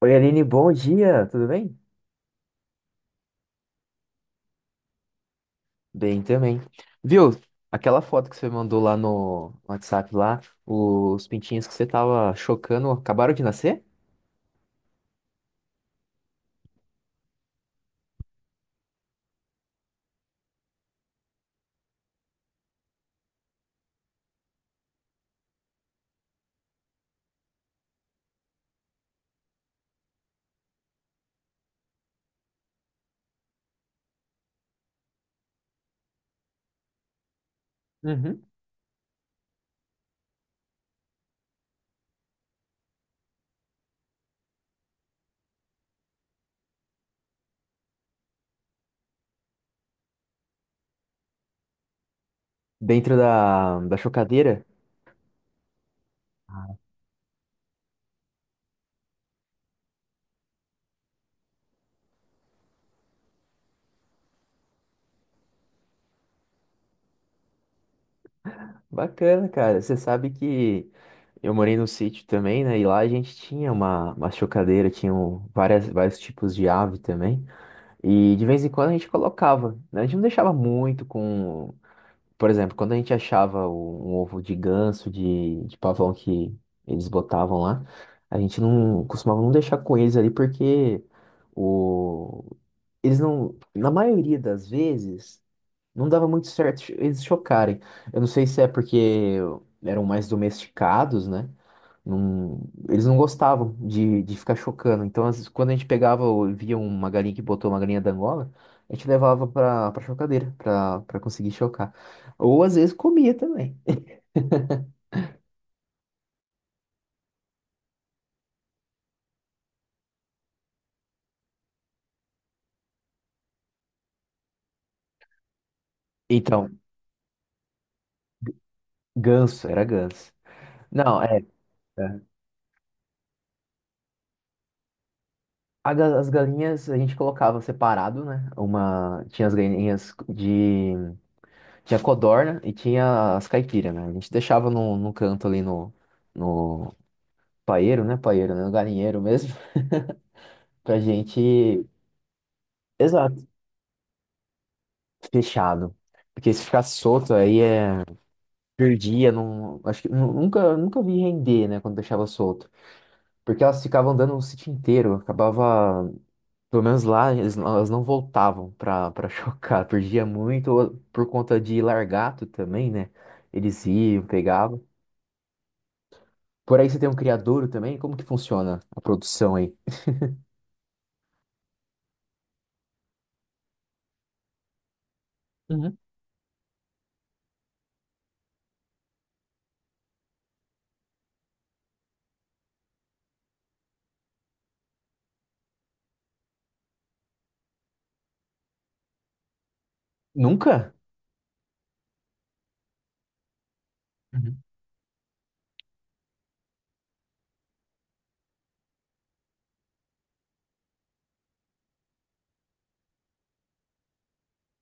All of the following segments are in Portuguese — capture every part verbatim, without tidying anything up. Oi, Aline, bom dia, tudo bem? Bem também. Viu, aquela foto que você mandou lá no WhatsApp lá, os pintinhos que você tava chocando acabaram de nascer? Uhum. Dentro da, da chocadeira? Bacana, cara. Você sabe que eu morei no sítio também, né? E lá a gente tinha uma, uma chocadeira, tinham várias, vários tipos de ave também. E de vez em quando a gente colocava, né? A gente não deixava muito com. Por exemplo, quando a gente achava o- um ovo de ganso, de, de pavão que eles botavam lá, a gente não costumava não deixar com eles ali porque o, eles não, na maioria das vezes, não dava muito certo eles chocarem. Eu não sei se é porque eram mais domesticados, né? Não- Eles não gostavam de, de ficar chocando. Então, às vezes, quando a gente pegava ou via uma galinha que botou uma galinha da Angola, a gente levava pra, pra chocadeira, pra, pra conseguir chocar. Ou às vezes comia também. Então, ganso, era ganso. Não, é. É. A ga- As galinhas a gente colocava separado, né? Uma, tinha as galinhas de. Tinha codorna e tinha as caipiras, né? A gente deixava no, no canto ali no, no paeiro, né? Paeiro, né? No galinheiro mesmo. Pra gente. Exato, fechado. Porque se ficasse solto aí é. Perdia, não. Acho que nu- nunca, nunca vi render, né? Quando deixava solto. Porque elas ficavam andando o sítio inteiro. Acabava. Pelo menos lá, eles elas não voltavam pra, pra chocar. Perdia muito ou por conta de largato também, né? Eles iam, pegavam. Por aí você tem um criadouro também? Como que funciona a produção aí? Uhum. Nunca? Uhum.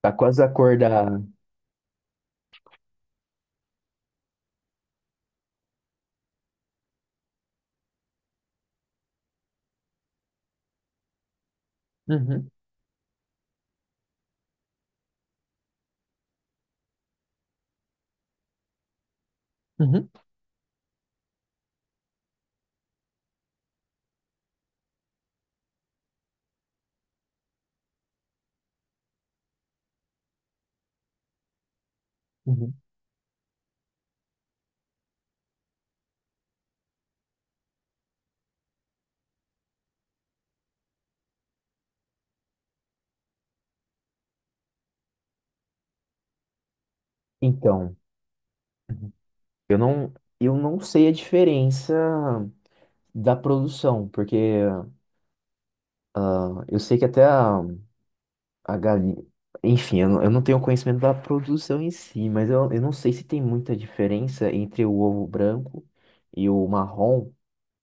Tá quase a cor da. Uhum. Uhum. Uhum. Então. Uhum. eu não, eu não sei a diferença da produção, porque ah, eu sei que até a, a galinha. Enfim, eu não, eu não tenho conhecimento da produção em si, mas eu, eu não sei se tem muita diferença entre o ovo branco e o marrom.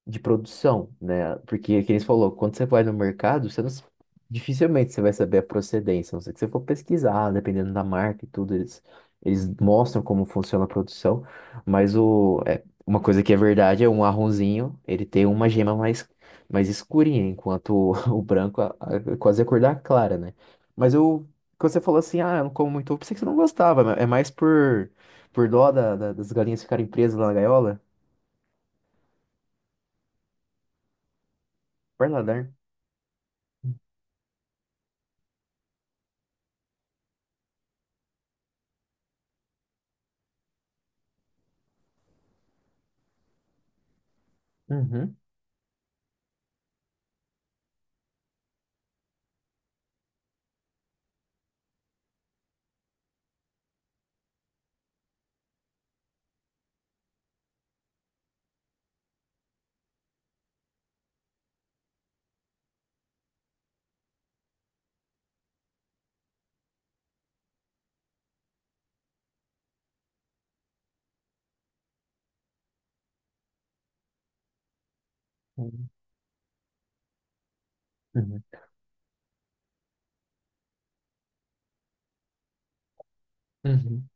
De produção, né? Porque, que eles falou, quando você vai no mercado, você não, s- dificilmente você vai saber a procedência, a não ser que você for pesquisar, dependendo da marca e tudo, eles, eles mostram como funciona a produção, mas o, é, uma coisa que é verdade é um marronzinho, ele tem uma gema mais, mais escurinha, enquanto o, o branco a- a- é quase a cor da clara, né? Mas eu, quando você falou assim, ah, eu não como muito ovo, pensei que você não gostava, mas é mais por, por dó da, da- das galinhas ficarem presas lá na gaiola. Para nadar. Uhum. Uhum. Uhum.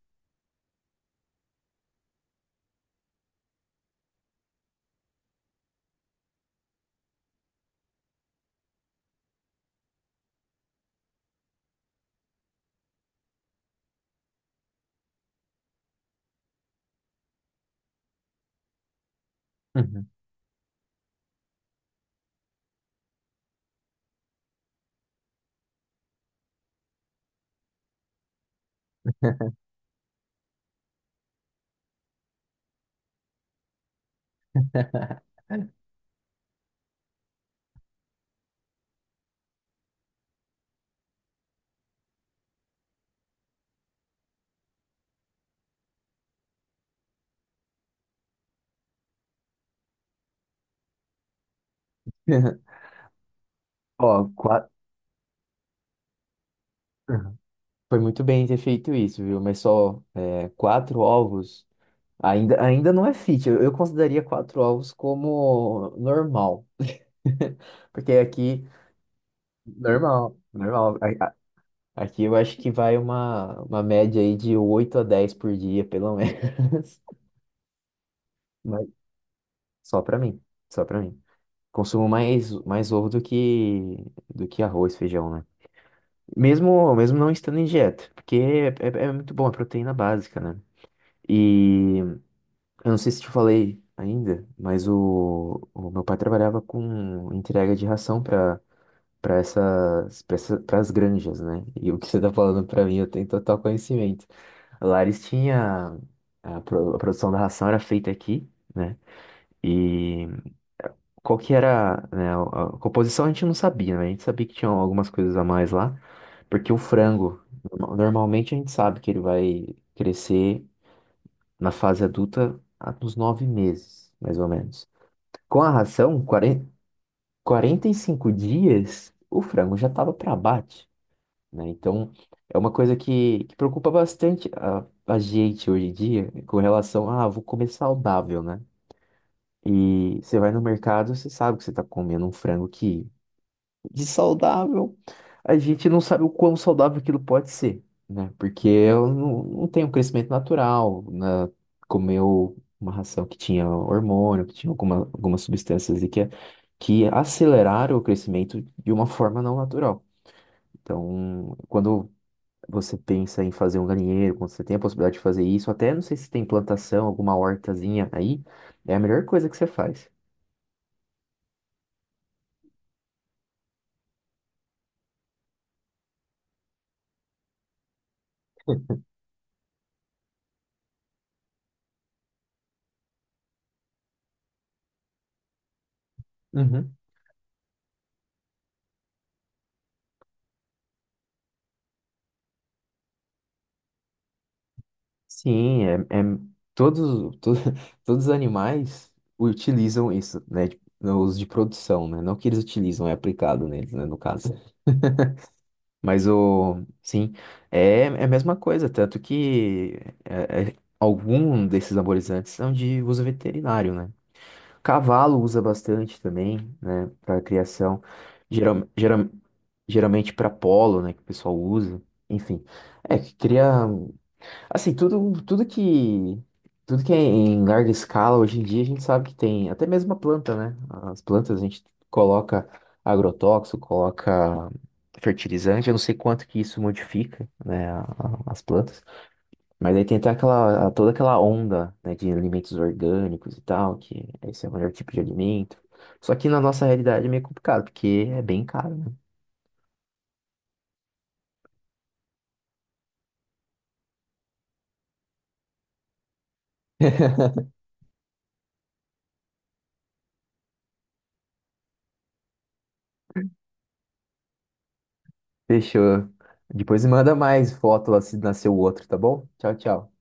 Uhum. Ó, qua- uhum. Foi muito bem ter feito isso, viu? Mas só é, quatro ovos ainda, ainda não é fit. Eu, eu consideraria quatro ovos como normal. Porque aqui, normal, normal. A- a- Aqui eu acho que vai uma, uma média aí de oito a dez por dia, pelo menos. Mas só pra mim, só pra mim. Consumo mais, mais ovo do que, do que arroz, feijão, né? Mesmo, mesmo não estando em dieta, porque é, é- é muito bom, é proteína básica, né? E eu não sei se te falei ainda, mas o, o meu pai trabalhava com entrega de ração para para essas, para essa, as granjas, né? E o que você tá falando para mim, eu tenho total conhecimento. Lá eles tinha a, pro- a produção da ração era feita aqui, né? E qual que era, né, a, a composição a gente não sabia, né? A gente sabia que tinha algumas coisas a mais lá. Porque o frango, norma- normalmente a gente sabe que ele vai crescer na fase adulta a- nos nove meses, mais ou menos. Com a ração, quarenta, quarenta e cinco dias, o frango já estava para abate, né? Então, é uma coisa que, que preocupa bastante a, a gente hoje em dia com relação a, ah, vou comer saudável, né? E você vai no mercado, você sabe que você está comendo um frango que de saudável, a gente não sabe o quão saudável aquilo pode ser, né? Porque eu não, não tenho um crescimento natural, né? Comeu uma ração que tinha hormônio, que tinha alguma, algumas substâncias e que, que aceleraram o crescimento de uma forma não natural. Então, quando você pensa em fazer um galinheiro, quando você tem a possibilidade de fazer isso, até não sei se tem plantação, alguma hortazinha aí, é a melhor coisa que você faz. Uhum. Sim, é, é todos, to- todos os animais utilizam isso, né? Tipo, no uso de produção, né? Não que eles utilizam, é aplicado neles, né? No caso. Mas o, sim, é, é a mesma coisa, tanto que é, é, algum desses anabolizantes são de uso veterinário, né? Cavalo usa bastante também, né? Para criação, geral, geral, geralmente para polo, né? Que o pessoal usa. Enfim, é que cria. Assim, tudo, tudo que, tudo que é em larga escala, hoje em dia a gente sabe que tem, até mesmo a planta, né? As plantas a gente coloca agrotóxico, coloca fertilizante, eu não sei quanto que isso modifica, né, a- a- as plantas, mas aí tem até aquela, toda aquela onda, né, de alimentos orgânicos e tal, que esse é o melhor tipo de alimento. Só que na nossa realidade é meio complicado, porque é bem caro, né? Fechou. Depois me manda mais foto lá se nasceu outro, tá bom? Tchau, tchau.